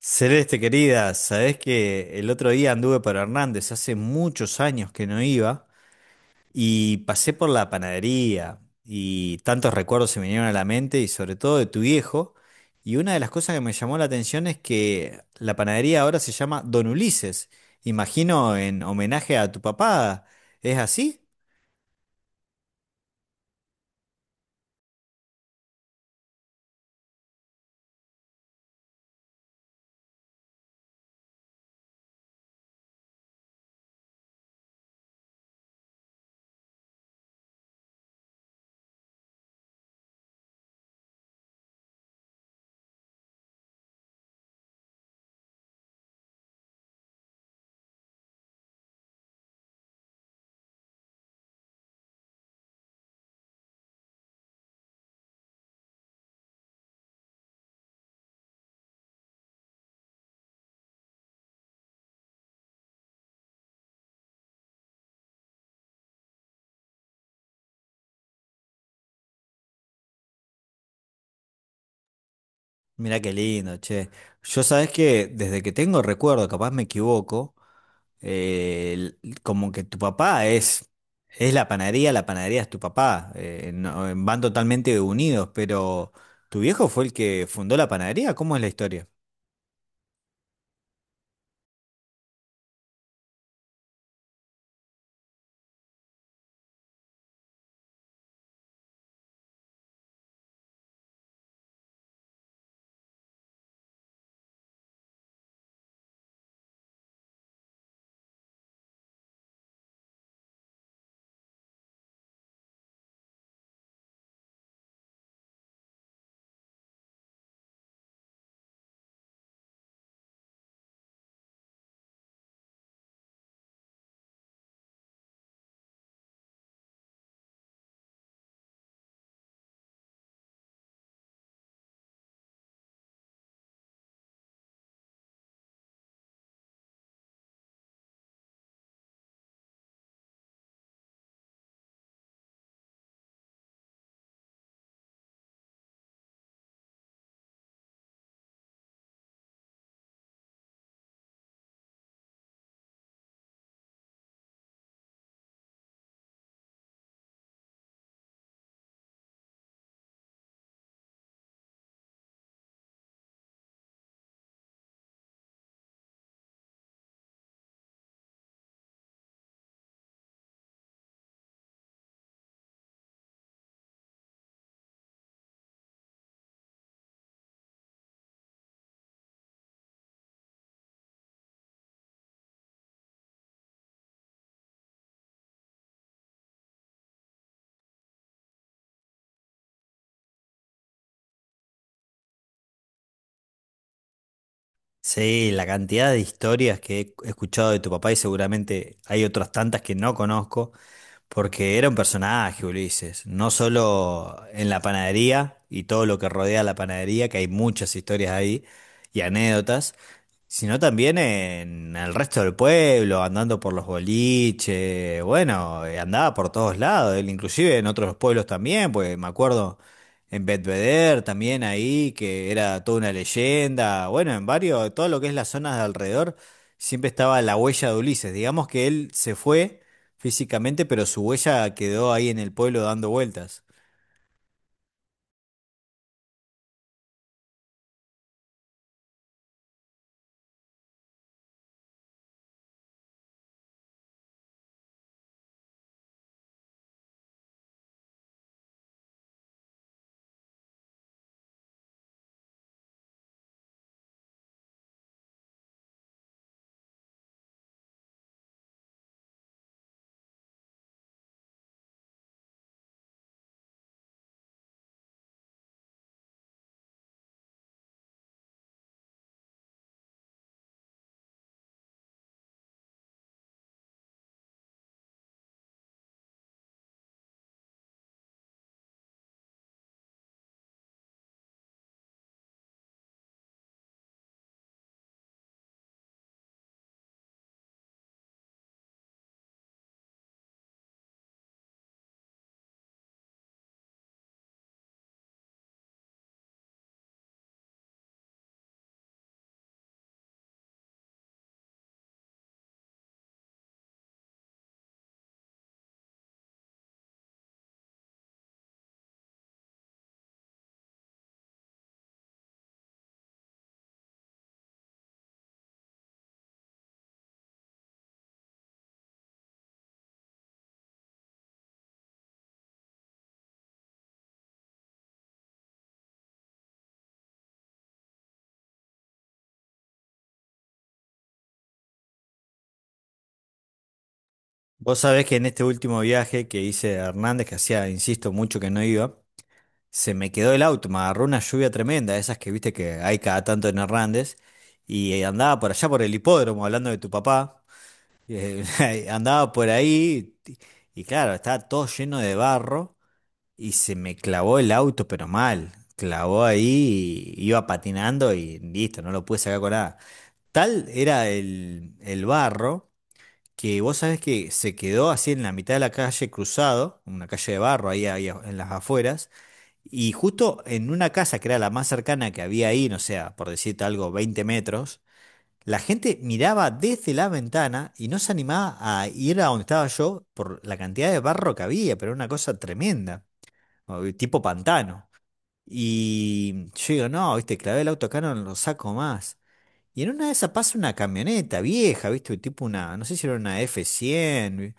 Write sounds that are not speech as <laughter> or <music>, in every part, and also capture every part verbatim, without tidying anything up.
Celeste querida, sabés que el otro día anduve por Hernández, hace muchos años que no iba, y pasé por la panadería, y tantos recuerdos se me vinieron a la mente, y sobre todo de tu viejo, y una de las cosas que me llamó la atención es que la panadería ahora se llama Don Ulises, imagino en homenaje a tu papá, ¿es así? Mirá qué lindo, che. Yo sabés que desde que tengo recuerdo, capaz me equivoco, eh, el- como que tu papá es, es la panadería, la panadería es tu papá. Eh, no- van totalmente unidos, pero ¿tu viejo fue el que fundó la panadería? ¿Cómo es la historia? Sí, la cantidad de historias que he escuchado de tu papá y seguramente hay otras tantas que no conozco, porque era un personaje, Ulises, no solo en la panadería y todo lo que rodea la panadería, que hay muchas historias ahí y anécdotas, sino también en el resto del pueblo, andando por los boliches, bueno, eh, andaba por todos lados, él inclusive en otros pueblos también, pues me acuerdo en Bedveder también ahí, que era toda una leyenda, bueno, en varios, todo lo que es las zonas de alrededor, siempre estaba la huella de Ulises, digamos que él se fue físicamente, pero su huella quedó ahí en el pueblo dando vueltas. Vos sabés que en este último viaje que hice a Hernández, que hacía, insisto, mucho que no iba, se me quedó el auto, me agarró una lluvia tremenda, esas que viste que hay cada tanto en Hernández, y eh, andaba por allá por el hipódromo, hablando de tu papá, eh, <laughs> andaba por ahí, y y claro, estaba todo lleno de barro, y se me clavó el auto, pero mal, clavó ahí, y iba patinando y listo, no lo pude sacar con nada. Tal era el, el barro que vos sabés que se quedó así en la mitad de la calle cruzado, una calle de barro ahí, ahí a- en las afueras, y justo en una casa que era la más cercana que había ahí, no sé, por decirte algo, veinte metros, la gente miraba desde la ventana y no se animaba a ir a donde estaba yo por la cantidad de barro que había, pero era una cosa tremenda, o- tipo pantano. Y yo digo, no, viste, clavé el auto acá, no lo saco más. Y en una de esas pasa una camioneta vieja, ¿viste? Tipo una, no sé si era una f cien vi-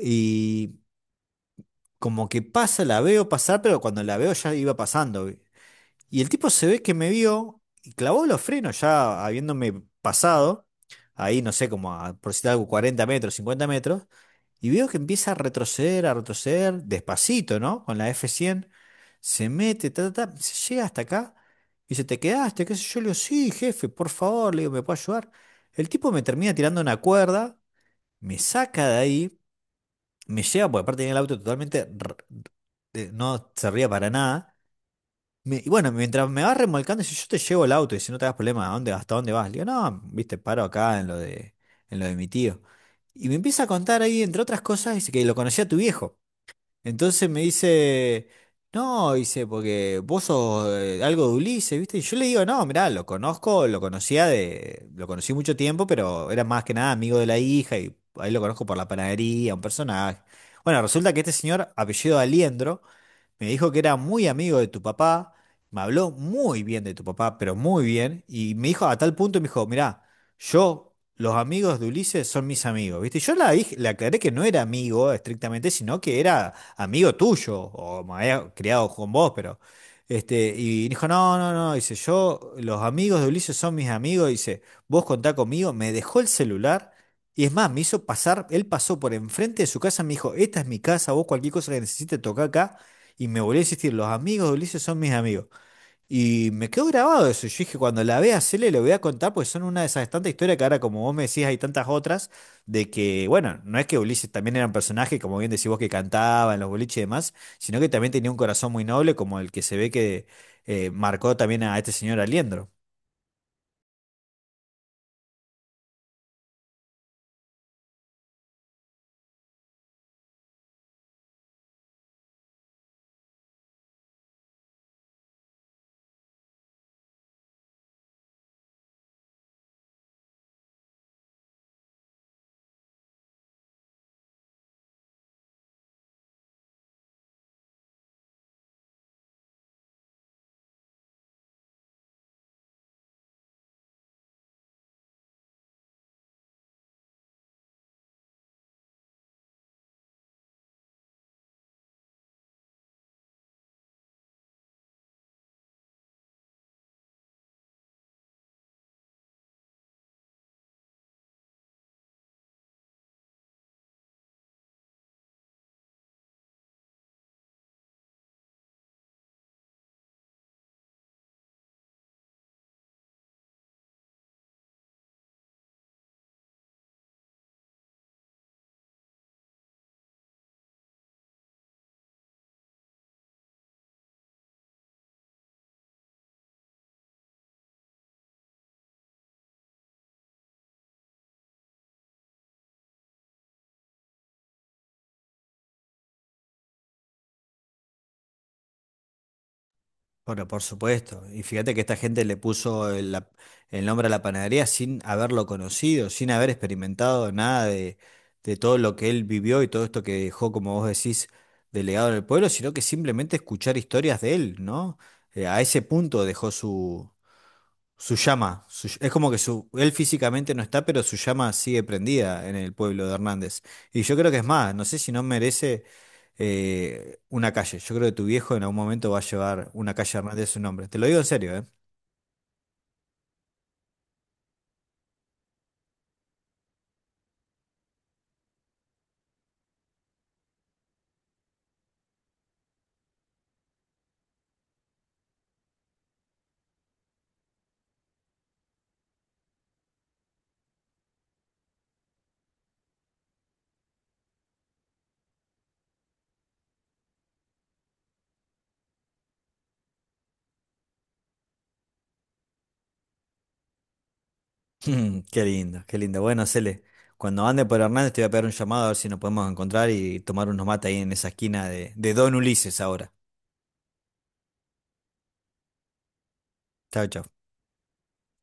y como que pasa, la veo pasar, pero cuando la veo ya iba pasando. Y el tipo se ve que me vio y clavó los frenos ya habiéndome pasado, ahí no sé, como a, por citar algo, cuarenta metros, cincuenta metros, y veo que empieza a retroceder, a retroceder, despacito, ¿no? Con la efe cien se mete, ta, ta, ta, se llega hasta acá, y dice, ¿te quedaste? ¿Qué sé yo? Le digo, sí, jefe, por favor, le digo, ¿me puede ayudar? El tipo me termina tirando una cuerda, me saca de ahí, me lleva, porque aparte tenía el auto totalmente, r- eh, no servía para nada me- y bueno, mientras me vas remolcando, si yo te llevo el auto y si no te das problema, ¿a dónde, hasta dónde vas? Le digo, no, viste, paro acá en lo de, en lo de mi tío. Y me empieza a contar ahí, entre otras cosas, dice que lo conocía a tu viejo. Entonces me dice, no, dice, porque vos sos eh, algo de Ulises, ¿viste? Y yo le digo, no, mirá, lo conozco, lo conocía de, lo conocí mucho tiempo, pero era más que nada amigo de la hija y ahí lo conozco por la panadería, un personaje. Bueno, resulta que este señor, apellido Aliendro, me dijo que era muy amigo de tu papá, me habló muy bien de tu papá, pero muy bien, y me dijo a tal punto, me dijo, mirá, yo, los amigos de Ulises son mis amigos, ¿viste? Yo la dije, le aclaré que no era amigo estrictamente, sino que era amigo tuyo, o me había criado con vos, pero, este, y dijo, no, no, no, dice, yo, los amigos de Ulises son mis amigos, dice, vos contá conmigo, me dejó el celular. Y es más, me hizo pasar, él pasó por enfrente de su casa, me dijo, esta es mi casa, vos cualquier cosa que necesites tocar acá. Y me volvió a insistir, los amigos de Ulises son mis amigos. Y me quedó grabado eso. Yo dije, cuando la vea, se le lo voy a contar, pues son una de esas tantas historias que ahora, como vos me decís, hay tantas otras, de que, bueno, no es que Ulises también era un personaje, como bien decís vos, que cantaba en los boliches y demás, sino que también tenía un corazón muy noble, como el que se ve que eh, marcó también a este señor Aliendro. Bueno, por supuesto. Y fíjate que esta gente le puso el, la- el nombre a la panadería sin haberlo conocido, sin haber experimentado nada de, de todo lo que él vivió y todo esto que dejó, como vos decís, delegado en el pueblo, sino que simplemente escuchar historias de él, ¿no? Eh, a ese punto dejó su, su llama, su- es como que su, él físicamente no está, pero su llama sigue prendida en el pueblo de Hernández. Y yo creo que es más, no sé si no merece eh, una calle. Yo creo que tu viejo en algún momento va a llevar una calle Hernández a su nombre. Te lo digo en serio, ¿eh? <laughs> Qué lindo, qué lindo. Bueno, Cele, cuando ande por Hernández te voy a pegar un llamado a ver si nos podemos encontrar y tomar unos mates ahí en esa esquina de, de Don Ulises ahora. Chao, chao.